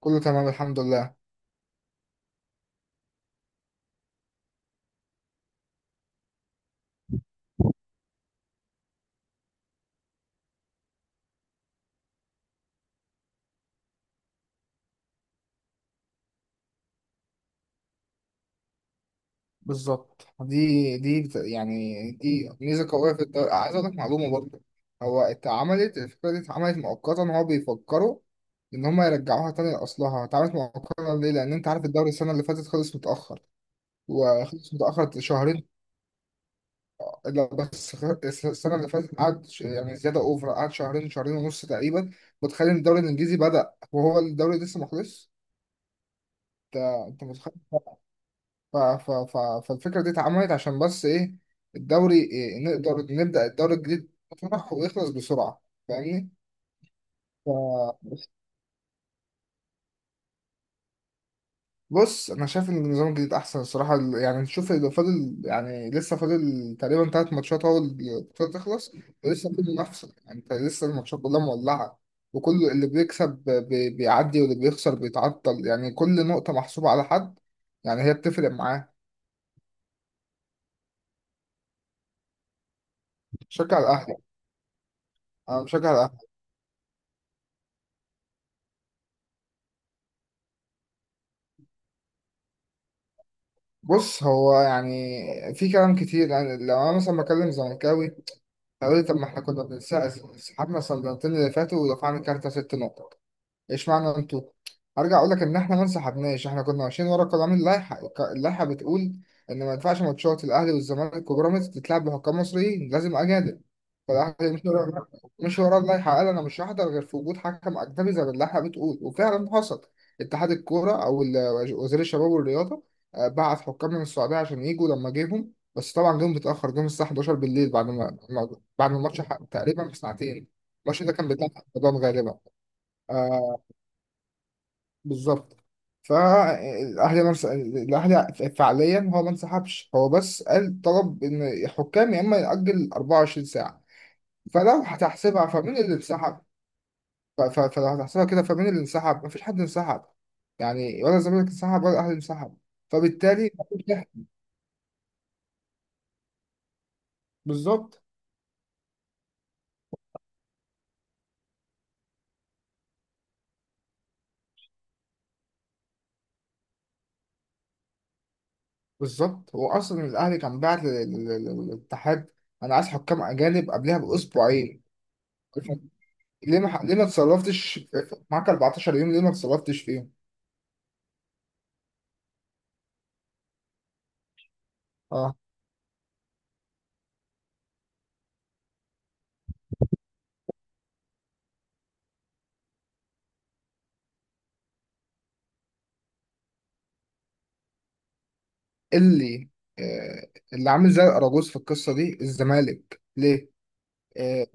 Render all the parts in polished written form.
كله تمام الحمد لله. بالظبط. يعني دي ميزه قويه في الدوري، عايز اقول لك معلومه برضه. هو اتعملت الفكره دي، اتعملت مؤقتا. هو بيفكروا ان هم يرجعوها تاني لاصلها. اتعملت مؤقتا ليه؟ لان انت عارف الدوري السنه اللي فاتت خلص متاخر، وخلص متاخر شهرين. لا بس السنه اللي فاتت قعد يعني زياده اوفر، قعد شهرين، شهرين ونص تقريبا. وتخيل إن الدوري الانجليزي بدا وهو الدوري لسه مخلص. انت انت متخيل. ف... ف... ف... فالفكرة دي اتعملت عشان بس إيه؟ الدوري إيه؟ نقدر نبدأ الدوري الجديد بفرح ويخلص بسرعة. فاهمني؟ ف... بص، أنا شايف إن النظام الجديد أحسن الصراحة. يعني نشوف، لو فاضل يعني لسه فاضل تقريبا تلات ماتشات أول البطولة تخلص. ولسه في منافسة، يعني أنت لسه الماتشات كلها مولعة. وكل اللي بيكسب بيعدي، واللي بيخسر بيتعطل. يعني كل نقطة محسوبة على حد، يعني هي بتفرق معاه. شجع الأهلي. أنا مشجع الأهلي. بص، هو يعني في كلام كتير. يعني لو انا مثلا بكلم زملكاوي، هيقول لي طب ما احنا كنا بنسحب. سحبنا الصندلتين اللي فاتوا ودفعنا كارتة ست نقط. ايش معنى انتوا؟ ارجع اقول لك ان احنا ما انسحبناش، احنا كنا ماشيين ورا قوانين اللائحه. اللائحه بتقول ان ما ينفعش ماتشات الاهلي والزمالك وبيراميدز تتلعب بحكام مصريين، لازم اجانب. فالأهلي مش ورا، مش ورا اللائحة. قال أنا مش هحضر غير في وجود حكم أجنبي، زي ما اللائحة بتقول. وفعلا حصل. اتحاد الكورة أو وزير الشباب والرياضة، بعت حكام من السعودية عشان يجوا. لما جيهم، بس طبعا جم متأخر، جم الساعة 11 بالليل، بعد ما بعد ما الماتش تقريبا بساعتين. الماتش ده كان بتاع رمضان غالبا. آه. بالظبط. فالأهلي الأهلي فعليا هو ما انسحبش. هو بس قال، طلب إن الحكام يا إما يأجل 24 ساعة. فلو هتحسبها فمين اللي انسحب؟ فلو هتحسبها كده فمين اللي انسحب؟ مفيش حد انسحب، يعني ولا الزمالك انسحب ولا الاهلي انسحب. فبالتالي مفيش ضحك. بالظبط. بالظبط، هو اصلا الاهلي كان بعت للاتحاد، انا عايز حكام اجانب، قبلها باسبوعين. ليه ما اتصرفتش؟ معاك 14 يوم، ليه ما اتصرفتش فيهم؟ اه. اللي آه، اللي عامل زي الاراجوز في القصه دي الزمالك ليه. آه،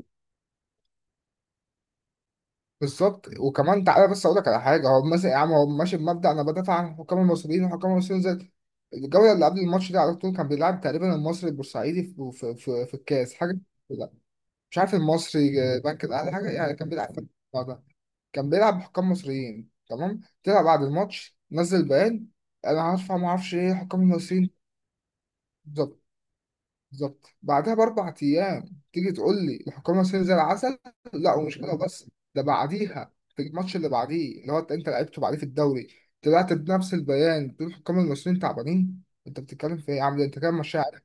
بالظبط. وكمان تعالى بس اقول لك على حاجه. هو مثلا يا عم، هو ماشي بمبدا انا بدافع عن الحكام المصريين، والحكام المصريين زي الجوله اللي قبل الماتش دي على طول كان بيلعب تقريبا، المصري البورسعيدي في الكاس حاجه. لا، مش عارف، المصري بنك الاهلي، حاجه يعني، كان بيلعب في الموضوع ده. كان بيلعب بحكام مصريين تمام، طلع بعد الماتش نزل بيان، انا هرفع، ما اعرفش ايه، الحكام المصريين. بالظبط. بالظبط، بعدها ب4 ايام تيجي تقول لي الحكام ماشيين زي العسل؟ لا، ومش كده بس. ده بعديها في الماتش اللي بعديه، اللي هو انت لعبته بعديه في الدوري، طلعت بنفس البيان بتقول الحكام المصريين تعبانين. انت بتتكلم في ايه يا عم ده؟ انت كده مش شاعر.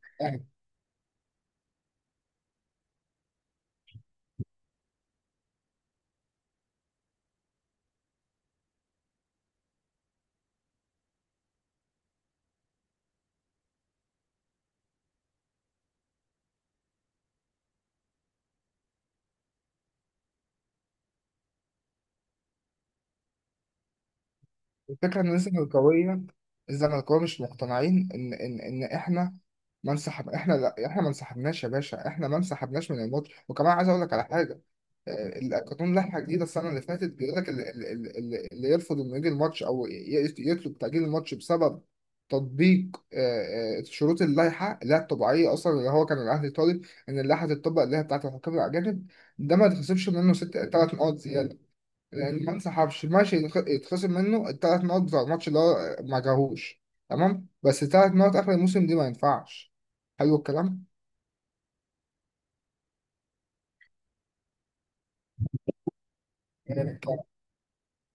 الفكرة إن الزملكاوية، الزملكاوية مش مقتنعين إن إحنا ما انسحب. إحنا لا، إحنا ما انسحبناش يا باشا، إحنا ما انسحبناش من الماتش. وكمان عايز أقول لك على حاجة. القانون، لائحة جديدة السنة اللي فاتت، بيقول لك اللي يرفض إنه يجي الماتش أو يطلب تأجيل الماتش بسبب تطبيق شروط اللائحة اللي هي الطبيعية أصلا، اللي هو كان الأهلي طالب إن اللائحة تتطبق اللي هي بتاعة الحكام الأجانب، ده ما يتخصمش منه ست تلات نقط زيادة. لان ما انسحبش ماشي، يتخصم منه الثلاث نقط بتاع الماتش اللي هو ما جاهوش، تمام. بس الثلاث نقط اخر الموسم دي ما ينفعش. حلو الكلام.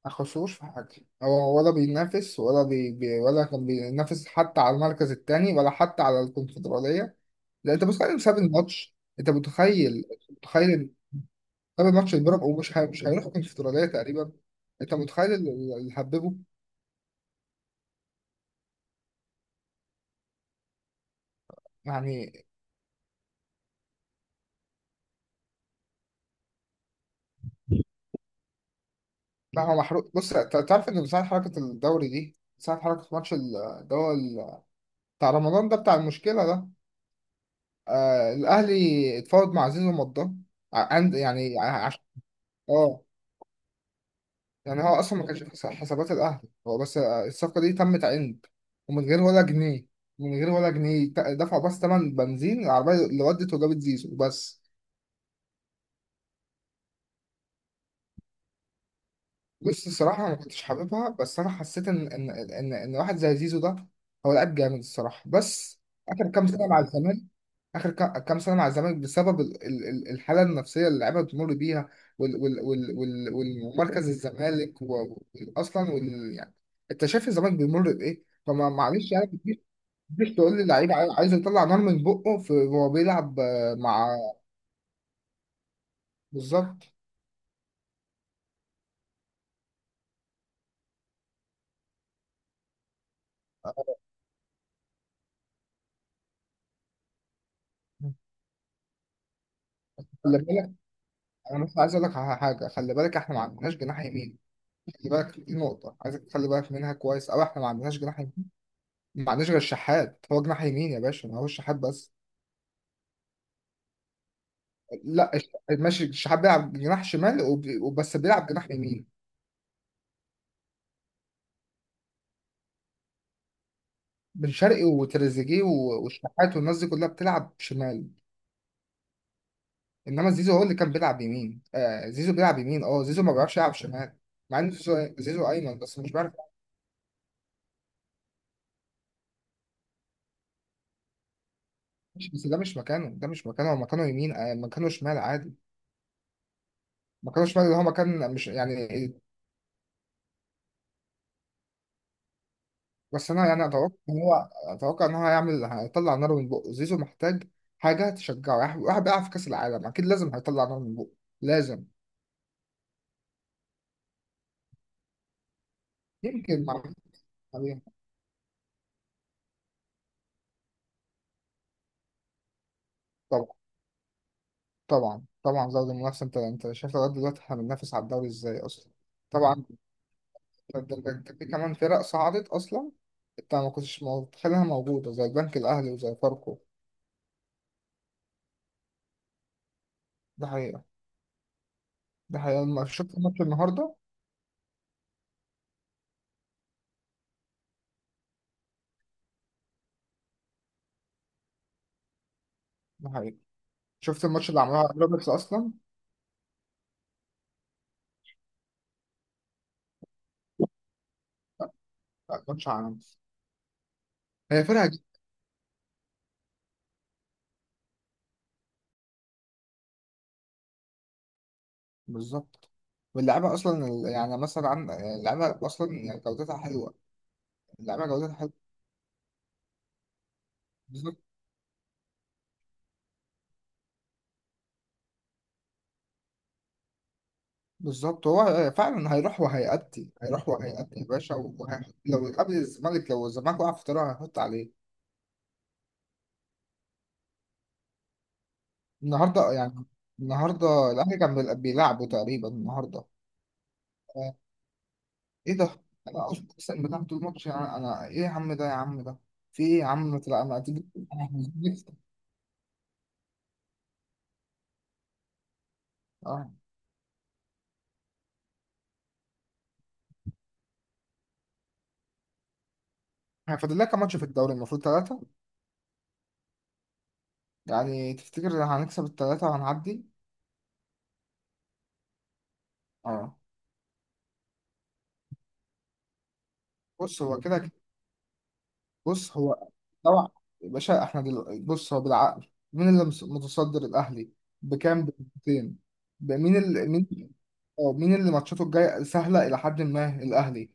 ما خسروش في حاجه. هو ولا بينافس ولا بي بي ولا كان بينافس حتى على المركز الثاني، ولا حتى على الكونفدراليه. لا، انت بتخيل بسبب الماتش؟ انت متخيل، متخيل إن بسبب الماتش البيراميدز مش هيروح الكونفدراليه تقريبا؟ انت متخيل اللي هببه يعني. لا، هو محروق. بص، تعرف ان من ساعة حركة الدوري دي، من ساعة حركة ماتش بتاع رمضان ده، بتاع المشكلة ده، آه الأهلي اتفاوض مع زيزو ومضاه، عند، يعني، اه. يعني هو أصلا ما كانش في حسابات الأهلي. هو بس الصفقة دي تمت عند، ومن غير ولا جنيه، من غير ولا جنيه، دفعوا بس تمن بنزين العربية اللي ودت وجابت زيزو بس. بص الصراحة أنا ما كنتش حاببها، بس أنا حسيت إن واحد زي زيزو ده هو لعيب جامد الصراحة. بس آخر كام سنة مع الزمالك، آخر كام سنة مع الزمالك بسبب الحالة النفسية اللي اللعيبة بتمر بيها، والمركز، الزمالك وأصلا، وال، يعني. أنت شايف الزمالك بيمر بإيه؟ فما، معلش، يعني مش تقول لي اللعيب عايز يطلع نار من بقه في وهو بيلعب مع. بالظبط. خلي بالك. أنا مثلا عايز أقول لك على حاجة، خلي بالك إحنا ما عندناش جناح يمين. خلي بالك، دي نقطة عايزك تخلي بالك منها كويس أوي، إحنا ما عندناش جناح يمين. ما عندناش غير الشحات هو جناح يمين يا باشا، ما هو الشحات بس. لا ماشي، الشحات بيلعب جناح شمال وبس بيلعب جناح يمين. بن شرقي وتريزيجيه والشحات والناس دي كلها بتلعب شمال. إنما زيزو هو اللي كان بيلعب يمين، آه زيزو بيلعب يمين، أه زيزو ما بيعرفش يلعب شمال. مع إن زيزو، زيزو أيمن، بس مش بيعرف بس ده مش مكانه، ده مش مكانه، هو مكانه يمين، آه مكانه شمال عادي، مكانه شمال اللي هو مكان، مش يعني. بس انا يعني اتوقع ان هو، اتوقع ان هو هيعمل، هيطلع نار من بقه. زيزو محتاج حاجه تشجعه، يعني واحد واحد بيلعب في كاس العالم، اكيد لازم هيطلع نار من بقه، لازم. يمكن مع عليها. طبعا. طبعا، طبعا زود المنافسه. انت شايف لغايه دلوقتي احنا بننافس على الدوري ازاي اصلا. طبعا. ده في كمان فرق صعدت اصلا، انت ما كنتش متخيلها موجوده زي البنك الاهلي وزي فاركو. ده حقيقه. ده حقيقه، لما شفت الماتش النهارده، ده حقيقه. شفت الماتش اللي عملوها على روبرتس اصلا؟ لا، ماتش عالمي. هي فرقه. بالظبط. واللعيبه اصلا يعني مثلا اللعيبه اصلا يعني جودتها حلوه، اللعيبه جودتها حلوه. بالظبط. بالظبط، هو فعلا هيروح وهيأدي، هيروح وهيأدي يا باشا، وهيحط لو قبل الزمالك، لو الزمالك وقع في طريقه هيحط عليه. النهارده يعني، النهارده الاهلي كان بيلعبه تقريبا النهارده. آه، ايه ده؟ انا اقسم بالله، طول الماتش يعني انا ايه يا عم ده، يا عم ده؟ في ايه يا عم؟ لا، انا هتيجي. أنا هتيجي- اه. فاضل لك كام ماتش في الدوري؟ المفروض ثلاثه. يعني تفتكر هنكسب التلاتة وهنعدي؟ اه. بص هو كده بص هو، طبعا. يا باشا احنا بص هو بالعقل، مين اللي متصدر؟ الأهلي. بكام؟ بنقطتين. مين اللي مين. اه، مين اللي ماتشاته الجاية سهلة إلى حد ما؟ الأهلي.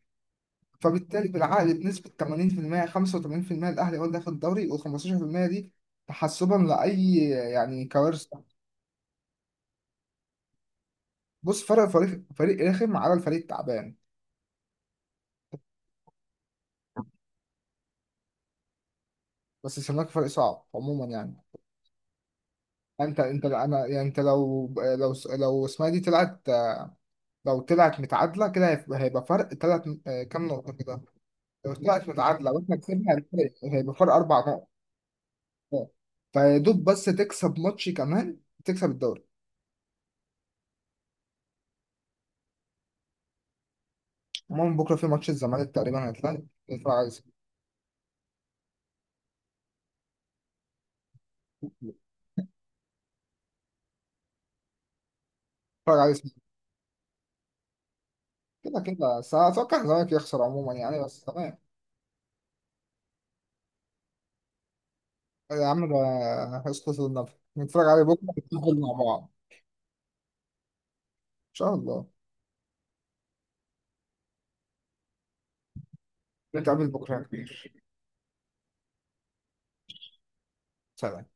فبالتالي بالعقل بنسبة 80% 85% الأهلي هو اللي هياخد الدوري، و15% دي تحسبا لأي يعني كوارث. بص فرق، فريق، فريق رخم على الفريق التعبان، بس الزمالك فريق صعب عموما يعني. انت انا يعني، انت لو لو اسمها دي طلعت، لو طلعت متعادله كده هيبقى هيبقى فرق ثلاث، كام نقطه كده. لو طلعت متعادله واحنا كسبنا، هيبقى، هيبقى فرق اربع نقط. فيدوب بس تكسب ماتش كمان تكسب الدوري. المهم بكره في ماتش الزمالك تقريبا هيتلعب، نتفرج عليه سوا. نتفرج عليه سوا. كده كده، بس أنا اتوقع الزمالك يخسر عموما، يعني بس تمام. يا عم ده، اسكت النبي. نتفرج عليه بكره، نتفرج مع بعض ان شاء الله. نتقابل بكره يا كبير. سلام.